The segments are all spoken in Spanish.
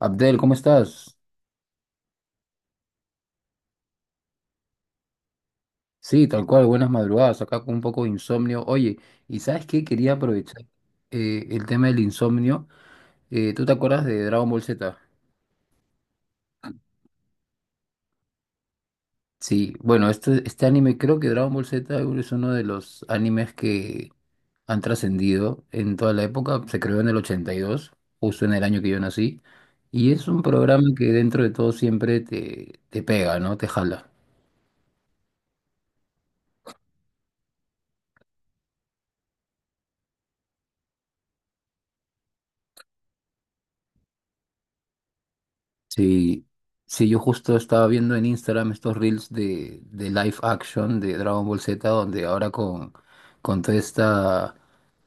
Abdel, ¿cómo estás? Sí, tal cual, buenas madrugadas, acá con un poco de insomnio. Oye, ¿y sabes qué? Quería aprovechar el tema del insomnio. ¿Tú te acuerdas de Dragon Ball Z? Sí, bueno, este anime, creo que Dragon Ball Z es uno de los animes que han trascendido en toda la época. Se creó en el 82, justo en el año que yo nací. Y es un programa que dentro de todo siempre te pega, ¿no? Te jala. Sí, sí, yo justo estaba viendo en Instagram estos reels de live action de Dragon Ball Z, donde ahora con toda esta,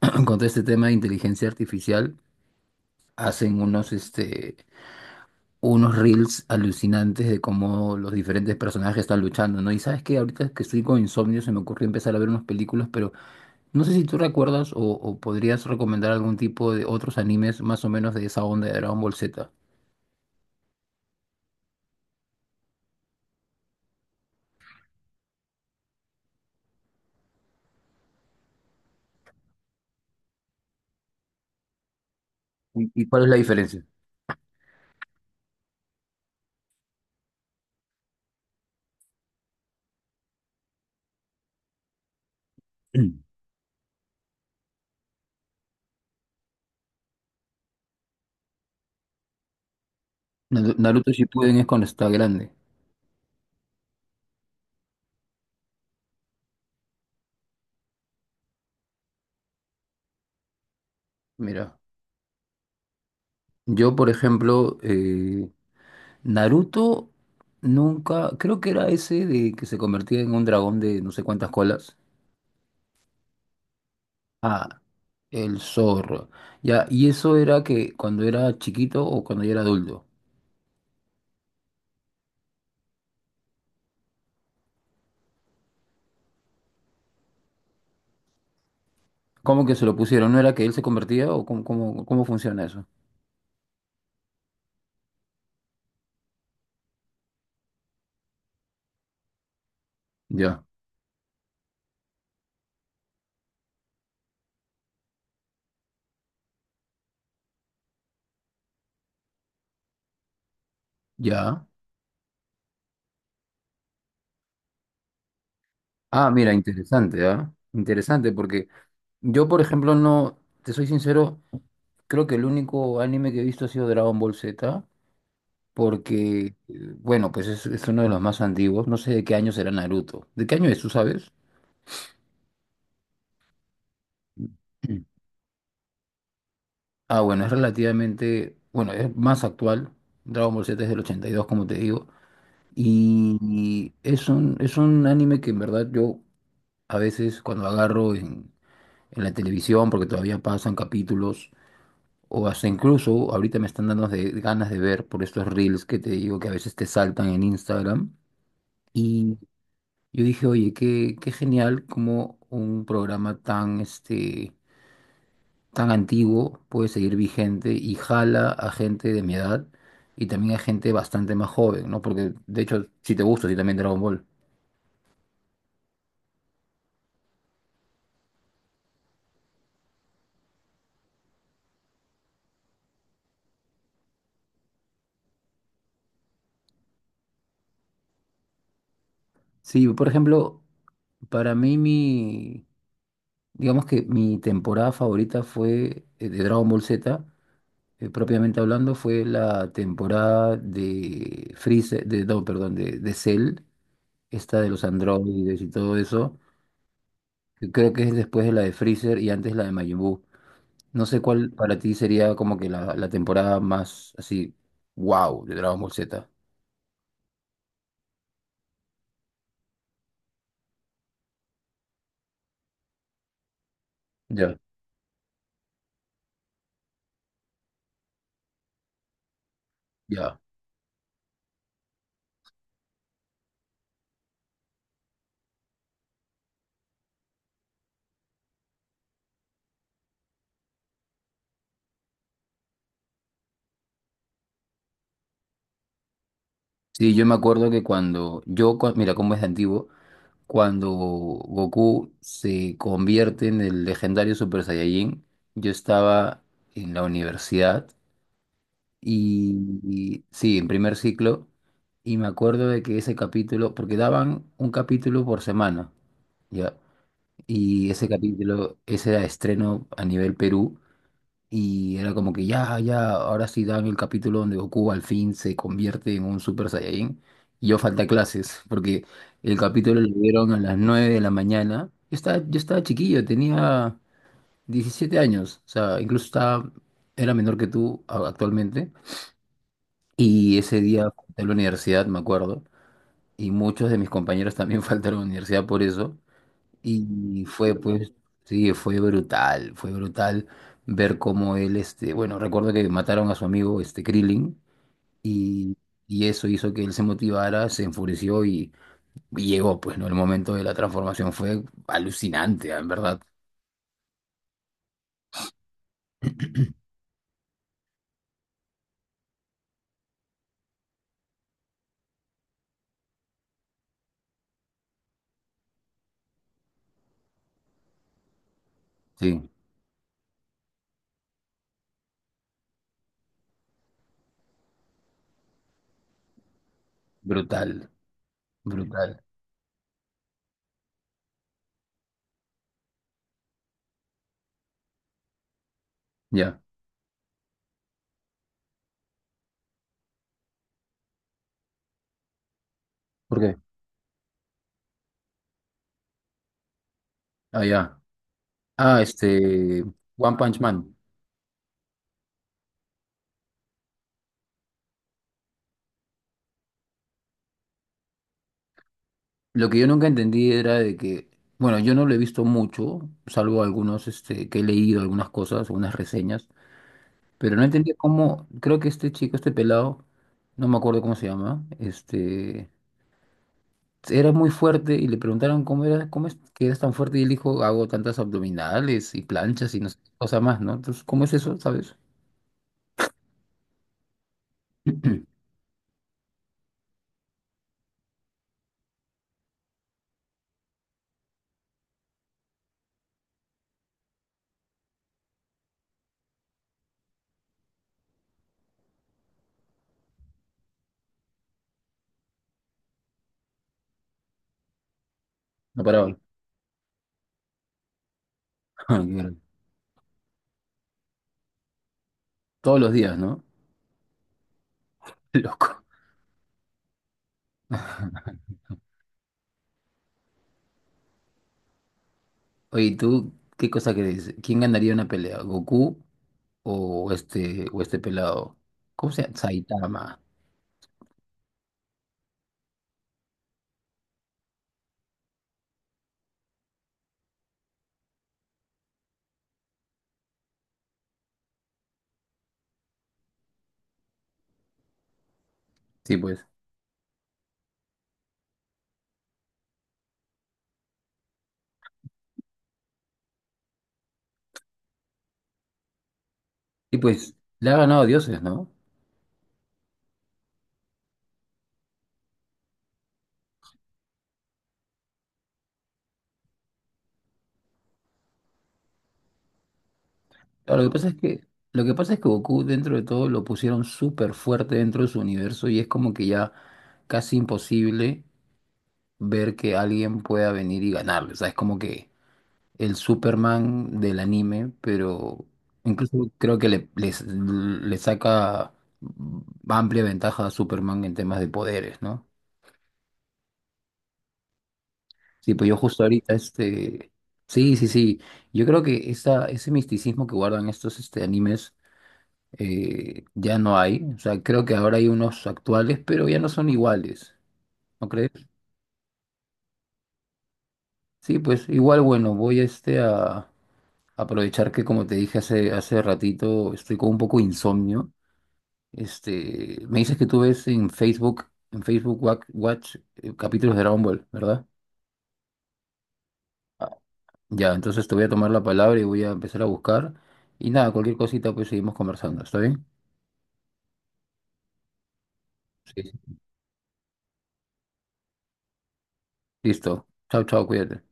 con todo este tema de inteligencia artificial, hacen unos reels alucinantes de cómo los diferentes personajes están luchando, ¿no? Y sabes que ahorita que estoy con insomnio se me ocurrió empezar a ver unas películas, pero no sé si tú recuerdas o podrías recomendar algún tipo de otros animes más o menos de esa onda de Dragon Ball Z. Y cuál es la diferencia? Naruto Shippuden es cuando está grande. Mira, yo por ejemplo, Naruto nunca, creo que era ese de que se convertía en un dragón de no sé cuántas colas. Ah, el zorro. Ya, y eso era que cuando era chiquito o cuando ya era adulto. ¿Cómo que se lo pusieron? ¿No era que él se convertía o cómo, cómo funciona eso? Ya, ya. Ah, mira, interesante, ¿ah? Interesante porque yo por ejemplo no, te soy sincero. Creo que el único anime que he visto ha sido Dragon Ball Z, porque, bueno, pues es uno de los más antiguos. No sé de qué año será Naruto. ¿De qué año es, tú sabes? Ah, bueno, es relativamente, bueno, es más actual. Dragon Ball Z es del 82 como te digo. Y es un anime que en verdad yo a veces cuando agarro en la televisión, porque todavía pasan capítulos, o hasta incluso ahorita me están dando ganas de ver por estos reels que te digo que a veces te saltan en Instagram. Y yo dije, oye, qué genial como un programa tan, tan antiguo puede seguir vigente y jala a gente de mi edad y también a gente bastante más joven, ¿no? Porque de hecho, si te gusta, sí también Dragon Ball. Sí, por ejemplo, para digamos que mi temporada favorita fue de Dragon Ball Z, propiamente hablando, fue la temporada de Freezer, de, no, perdón, de Cell, esta de los androides y todo eso. Que creo que es después de la de Freezer y antes la de Majin Buu. No sé cuál para ti sería como que la temporada más así, wow, de Dragon Ball Z. Ya, ya. Sí, yo me acuerdo que cuando yo, mira cómo es de antiguo, cuando Goku se convierte en el legendario Super Saiyajin, yo estaba en la universidad y, sí, en primer ciclo, y me acuerdo de que ese capítulo, porque daban un capítulo por semana. ¿Ya? Y ese capítulo, ese era estreno a nivel Perú. Y era como que ya, ya, ahora sí dan el capítulo donde Goku al fin se convierte en un Super Saiyajin. Y yo falta clases, porque el capítulo lo dieron a las 9 de la mañana. Yo estaba chiquillo, tenía 17 años. O sea, incluso estaba, era menor que tú actualmente. Y ese día falté a la universidad, me acuerdo. Y muchos de mis compañeros también faltaron a la universidad por eso. Y fue, pues, sí, fue brutal ver cómo él, bueno, recuerdo que mataron a su amigo, Krillin, y, y eso hizo que él se motivara, se enfureció y llegó, pues, ¿no? El momento de la transformación fue alucinante, en verdad. Sí, brutal, brutal. Ya, ¿por qué? Ah, ya. Ah, One Punch Man. Lo que yo nunca entendí era de que, bueno, yo no lo he visto mucho, salvo algunos, que he leído algunas cosas, algunas reseñas. Pero no entendía cómo, creo que este chico, este pelado, no me acuerdo cómo se llama, era muy fuerte y le preguntaron cómo era, cómo es que eras tan fuerte y él dijo, hago tantas abdominales y planchas y no sé qué cosa más, ¿no? Entonces, ¿cómo es eso, sabes? No paraba. Todos los días, ¿no? Loco. Oye, ¿tú qué cosa crees? ¿Quién ganaría una pelea? ¿Goku o este pelado? ¿Cómo se llama? Saitama. Sí, pues. Y pues, le ha ganado a dioses, ¿no? Claro, lo que pasa es que Goku dentro de todo lo pusieron súper fuerte dentro de su universo y es como que ya casi imposible ver que alguien pueda venir y ganarle. O sea, es como que el Superman del anime, pero incluso creo que le saca amplia ventaja a Superman en temas de poderes, ¿no? Sí, pues yo justo ahorita este... Sí, sí, sí. Yo creo que ese misticismo que guardan estos animes ya no hay. O sea, creo que ahora hay unos actuales, pero ya no son iguales, ¿no crees? Sí, pues igual, bueno, voy a aprovechar que como te dije hace ratito, estoy con un poco de insomnio. Este, me dices que tú ves en Facebook Watch, capítulos de Dragon Ball, ¿verdad? Ya, entonces te voy a tomar la palabra y voy a empezar a buscar. Y nada, cualquier cosita, pues seguimos conversando, ¿está bien? Sí. Listo. Chao, chao, cuídate.